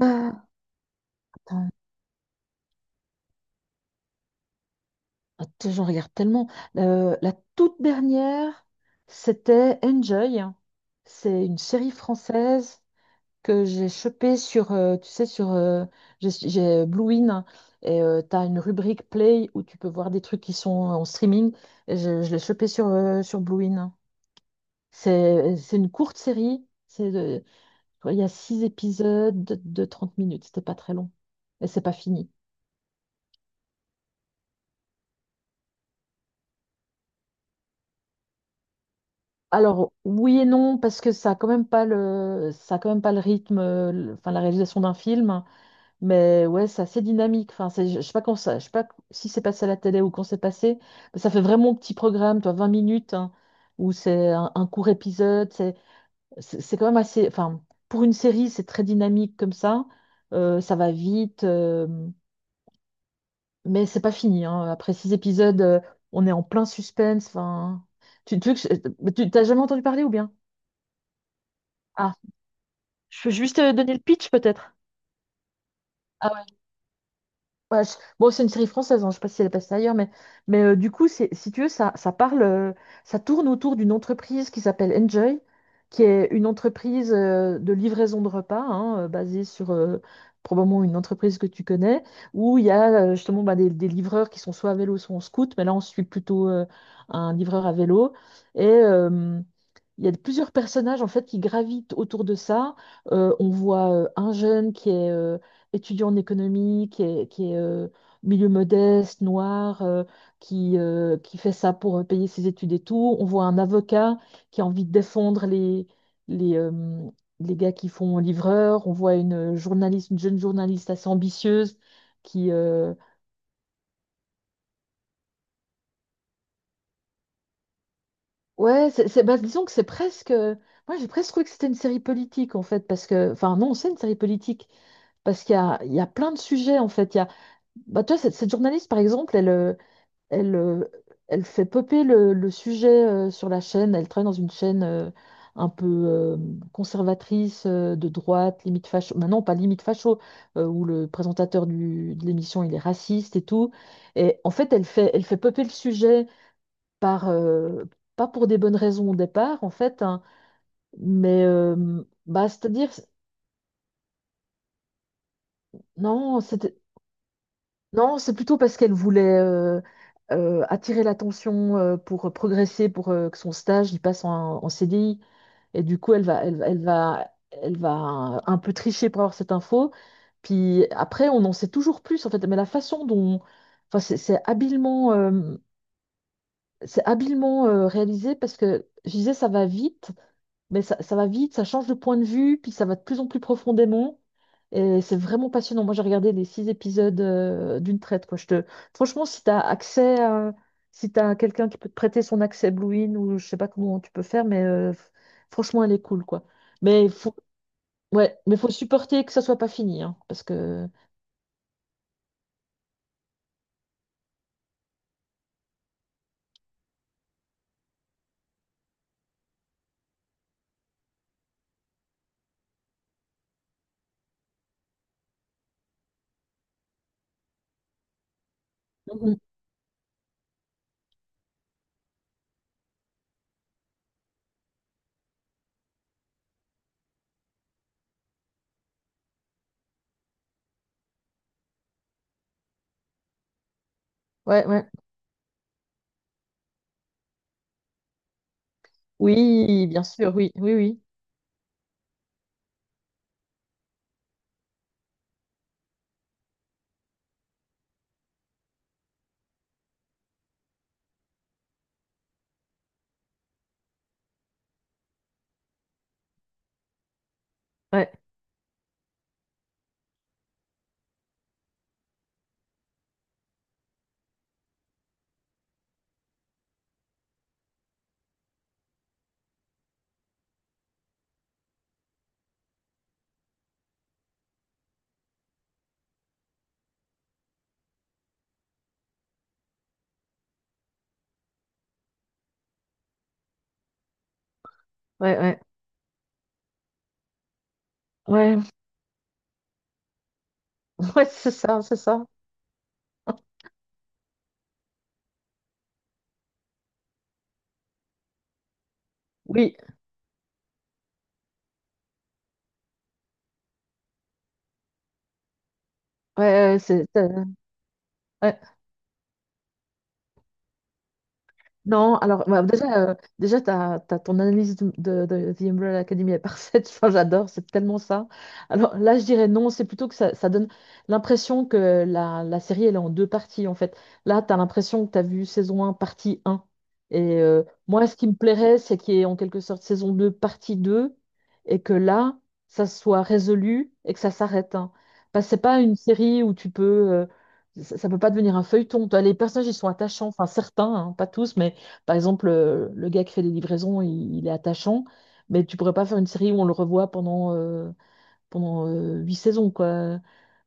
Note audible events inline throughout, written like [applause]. Ah, attends, attends, j'en regarde tellement. La toute dernière, c'était Enjoy. C'est une série française que j'ai chopée sur, tu sais, sur j'ai Blue In et tu as une rubrique Play où tu peux voir des trucs qui sont en streaming. Et je l'ai chopée sur, sur Blue In. C'est une courte série. Il y a six épisodes de 30 minutes. C'était pas très long. Et c'est pas fini. Alors oui et non, parce que ça a quand même pas le ça a quand même pas le rythme, enfin la réalisation d'un film, mais ouais, c'est assez dynamique. Enfin je sais pas quand ça, je sais pas si c'est passé à la télé ou quand c'est passé, mais ça fait vraiment petit programme, toi, 20 minutes, hein, où c'est un court épisode. C'est quand même assez, enfin, pour une série c'est très dynamique comme ça, ça va vite. Mais c'est pas fini, hein. Après six épisodes, on est en plein suspense. Enfin, tu veux que tu t'as jamais entendu parler, ou bien? Je peux juste, donner le pitch peut-être. Ouais, bon, c'est une série française, hein, je sais pas si elle passe ailleurs, mais, du coup, c'est, si tu veux, ça, ça parle. Ça tourne autour d'une entreprise qui s'appelle Enjoy, qui est une entreprise, de livraison de repas, hein, basée sur, probablement une entreprise que tu connais, où il y a, justement, bah, des livreurs qui sont soit à vélo, soit en scoot, mais là, on suit plutôt un livreur à vélo. Et, il y a plusieurs personnages en fait qui gravitent autour de ça. On voit un jeune qui est, étudiant en économie, qui est milieu modeste, noir, qui fait ça pour, payer ses études et tout. On voit un avocat qui a envie de défendre les, euh, les gars qui font livreur. On voit une journaliste, une jeune journaliste assez ambitieuse qui... Ouais, c'est, bah, disons que c'est presque... Moi, j'ai presque cru que c'était une série politique, en fait, parce que... Enfin, non, c'est une série politique. Parce qu'il y a plein de sujets, en fait. Il y a... bah, toi, cette journaliste, par exemple, Elle, euh, elle fait popper le sujet, sur la chaîne. Elle travaille dans une chaîne, un peu, conservatrice, de droite, limite facho. Maintenant, pas limite facho, où le présentateur de l'émission, il est raciste et tout. Et en fait, elle fait popper le sujet par, pas pour des bonnes raisons au départ, en fait, hein, mais bah, c'est-à-dire... Non, non, c'est plutôt parce qu'elle voulait, attirer l'attention, pour progresser, pour, que son stage il passe en, en CDI. Et du coup, elle va un peu tricher pour avoir cette info. Puis après, on en sait toujours plus, en fait. Mais la façon dont, enfin, c'est habilement, réalisé, parce que, je disais, ça va vite, mais ça va vite, ça change de point de vue, puis ça va de plus en plus profondément. Et c'est vraiment passionnant. Moi, j'ai regardé les six épisodes, d'une traite, quoi. Franchement, si tu as accès à... si tu as quelqu'un qui peut te prêter son accès Blue In, ou je sais pas comment tu peux faire, mais, franchement, elle est cool, quoi. Mais faut... ouais, mais faut supporter que ça soit pas fini, hein, parce que... Mhm. Ouais, ouais. Oui, bien sûr, oui, oui, oui. Ouais, ouais, ouais. Ouais. Ouais, c'est ça, c'est ça. Oui, ouais, ouais, c'est, non, alors, bah, déjà t'as, t'as ton analyse de, de The Umbrella Academy est parfaite. [laughs] Enfin, j'adore, c'est tellement ça. Alors là, je dirais non, c'est plutôt que ça donne l'impression que la série, elle est en deux parties en fait. Là, t'as l'impression que t'as vu saison un partie un. Et moi, ce qui me plairait, c'est qu'il y ait en quelque sorte saison 2 partie 2 et que là, ça soit résolu et que ça s'arrête, hein. Parce que c'est pas une série où ça ne peut pas devenir un feuilleton. Toi, les personnages, ils sont attachants, enfin certains, hein, pas tous, mais par exemple, le gars qui fait des livraisons, il est attachant, mais tu pourrais pas faire une série où on le revoit pendant, huit saisons, quoi.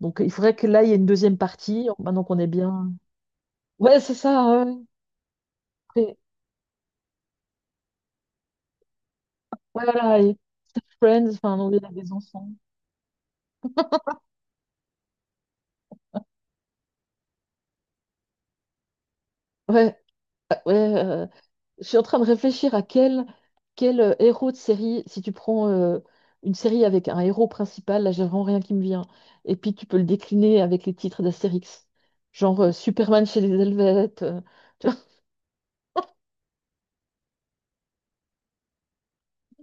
Donc il faudrait que là, il y ait une deuxième partie, maintenant qu'on est bien. Ouais, c'est ça, ouais. Et- ouais, voilà. Et Friends, enfin, on est des enfants. Ouais, ouais. Je suis en train de réfléchir à quel, quel héros de série, si tu prends une série avec un héros principal, là j'ai vraiment rien qui me vient. Et puis tu peux le décliner avec les titres d'Astérix, genre, Superman chez les Helvètes, tu vois. [laughs]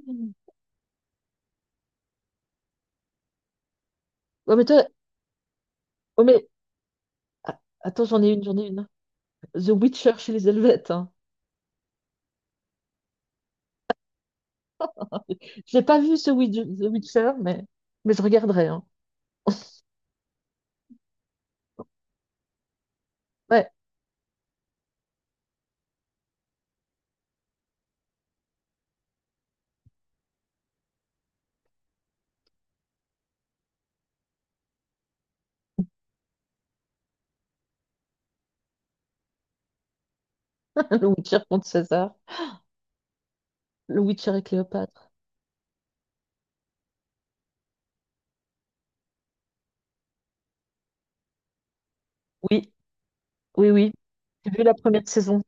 Mm. Ouais, mais toi, oh, mais attends, j'en ai une, j'en ai une, hein. The Witcher chez les Helvètes, hein. Je n'ai pas vu ce The Witcher, mais je regarderai, hein. Ouais, [laughs] le Witcher contre César, le Witcher et Cléopâtre. Oui, oui, oui. J'ai vu la première saison.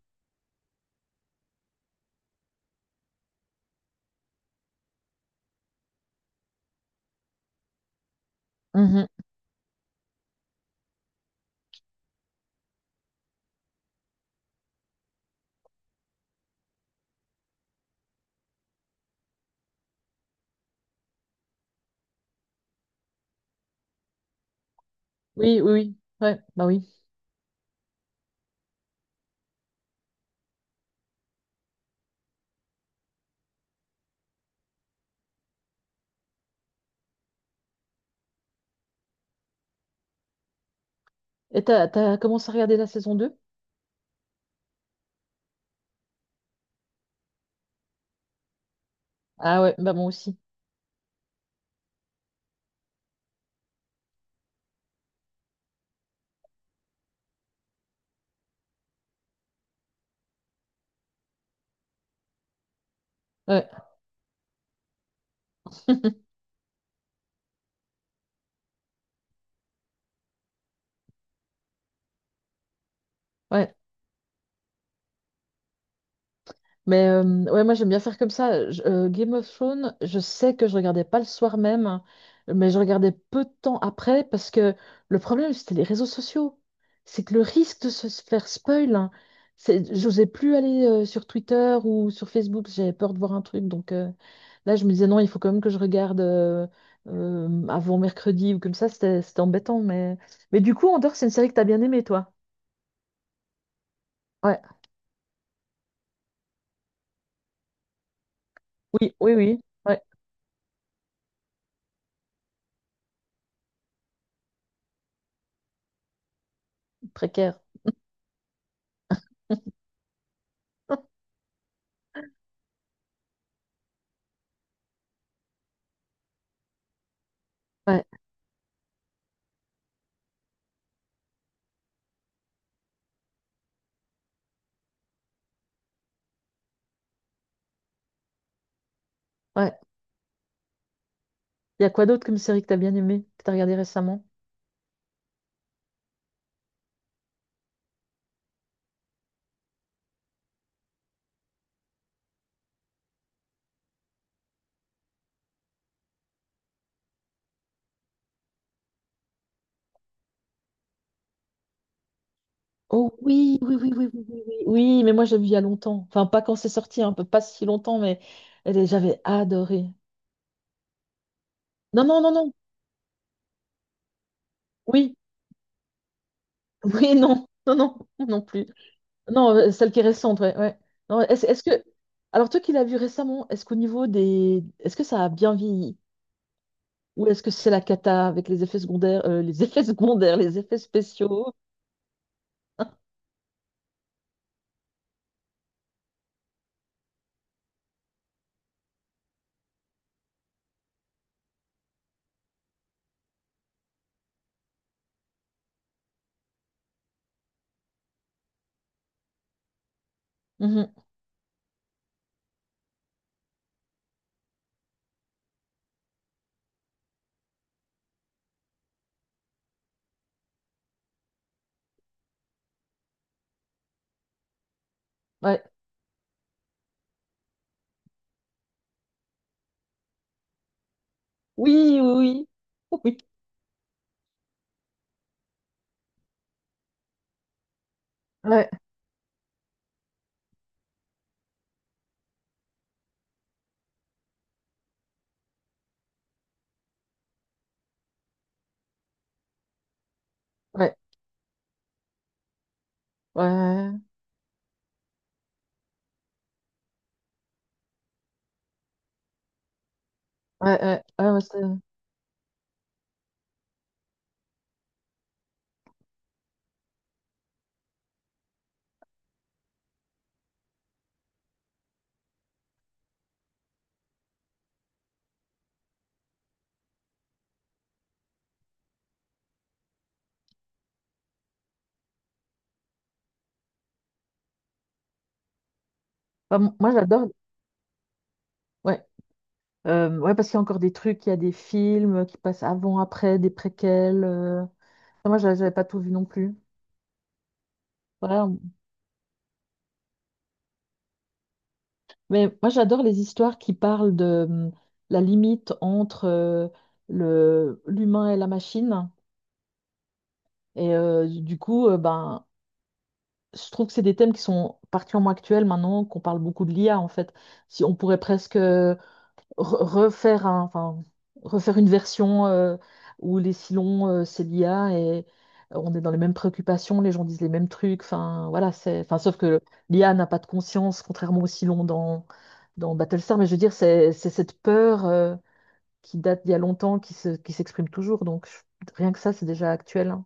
Mmh. Oui, oui, oui. Ouais, bah oui. Et t'as commencé à regarder la saison deux? Ah ouais, bah moi aussi. Ouais. [laughs] Ouais. Mais, ouais, moi j'aime bien faire comme ça. Game of Thrones, je sais que je regardais pas le soir même, mais je regardais peu de temps après, parce que le problème, c'était les réseaux sociaux. C'est que le risque de se faire spoil, hein, c'est, j'osais plus aller sur Twitter ou sur Facebook, j'avais peur de voir un truc. Donc là je me disais non, il faut quand même que je regarde, avant mercredi ou comme ça, c'était, c'était embêtant. Mais du coup, Andor, c'est une série que t'as bien aimée, toi. Ouais, oui, oui, oui, ouais, précaire. Ouais, ouais. Il y a quoi d'autre comme série que t'as bien aimée, que t'as regardée récemment? Oh oui, oui, oui, oui, oui, oui, oui. Oui, mais moi j'ai vu il y a longtemps. Enfin, pas quand c'est sorti, un peu pas si longtemps, mais j'avais adoré. Non, non, non, non. Oui, [laughs] oui, non, non, non, non plus. Non, celle qui est récente, ouais, ouais. Non, est-ce que, alors, toi qui l'as vu récemment, est-ce qu'au niveau des, est-ce que ça a bien vieilli? Ou est-ce que c'est la cata avec les effets secondaires, les [laughs] effets secondaires, les effets spéciaux? [laughs] Mhm, ouais. Oui, oui, oui, oui. Ouais, ouais, ouais. Ouais, ouais. Ouais, ouais, ouais, ouais. Enfin, moi j'adore. Ouais, ouais, parce qu'il y a encore des trucs, il y a des films qui passent avant, après, des préquels. Enfin, moi j'avais pas tout vu non plus. Ouais, mais moi j'adore les histoires qui parlent de, la limite entre, le l'humain et la machine. Et, du coup, ben, je trouve que c'est des thèmes qui sont particulièrement actuels maintenant, qu'on parle beaucoup de l'IA en fait. Si on pourrait presque enfin, refaire une version, où les silons, c'est l'IA et on est dans les mêmes préoccupations, les gens disent les mêmes trucs. Enfin, voilà, enfin, sauf que l'IA n'a pas de conscience, contrairement aux silons dans, dans Battlestar. Mais je veux dire, c'est cette peur, qui date d'il y a longtemps, qui s'exprime toujours. Donc, rien que ça, c'est déjà actuel, hein.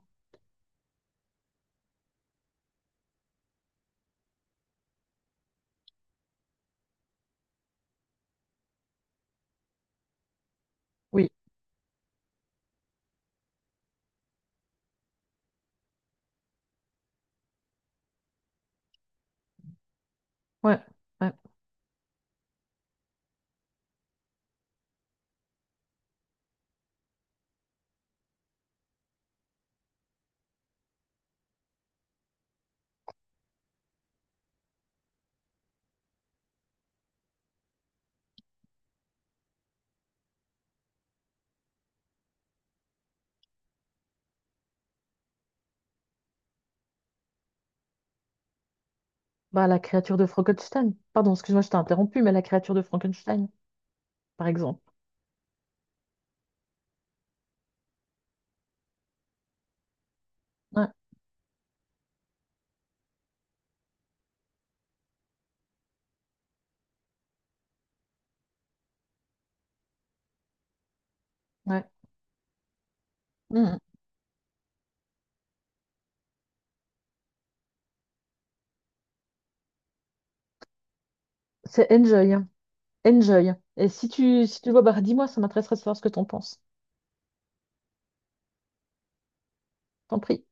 Oui, ouais, ouais. Bah, la créature de Frankenstein. Pardon, excuse-moi, je t'ai interrompu, mais la créature de Frankenstein, par exemple. Ouais, ouais. Mhm. C'est Enjoy, hein. Enjoy. Et si tu le vois, bah, dis-moi, ça m'intéresserait de savoir ce que t'en penses. T'en prie.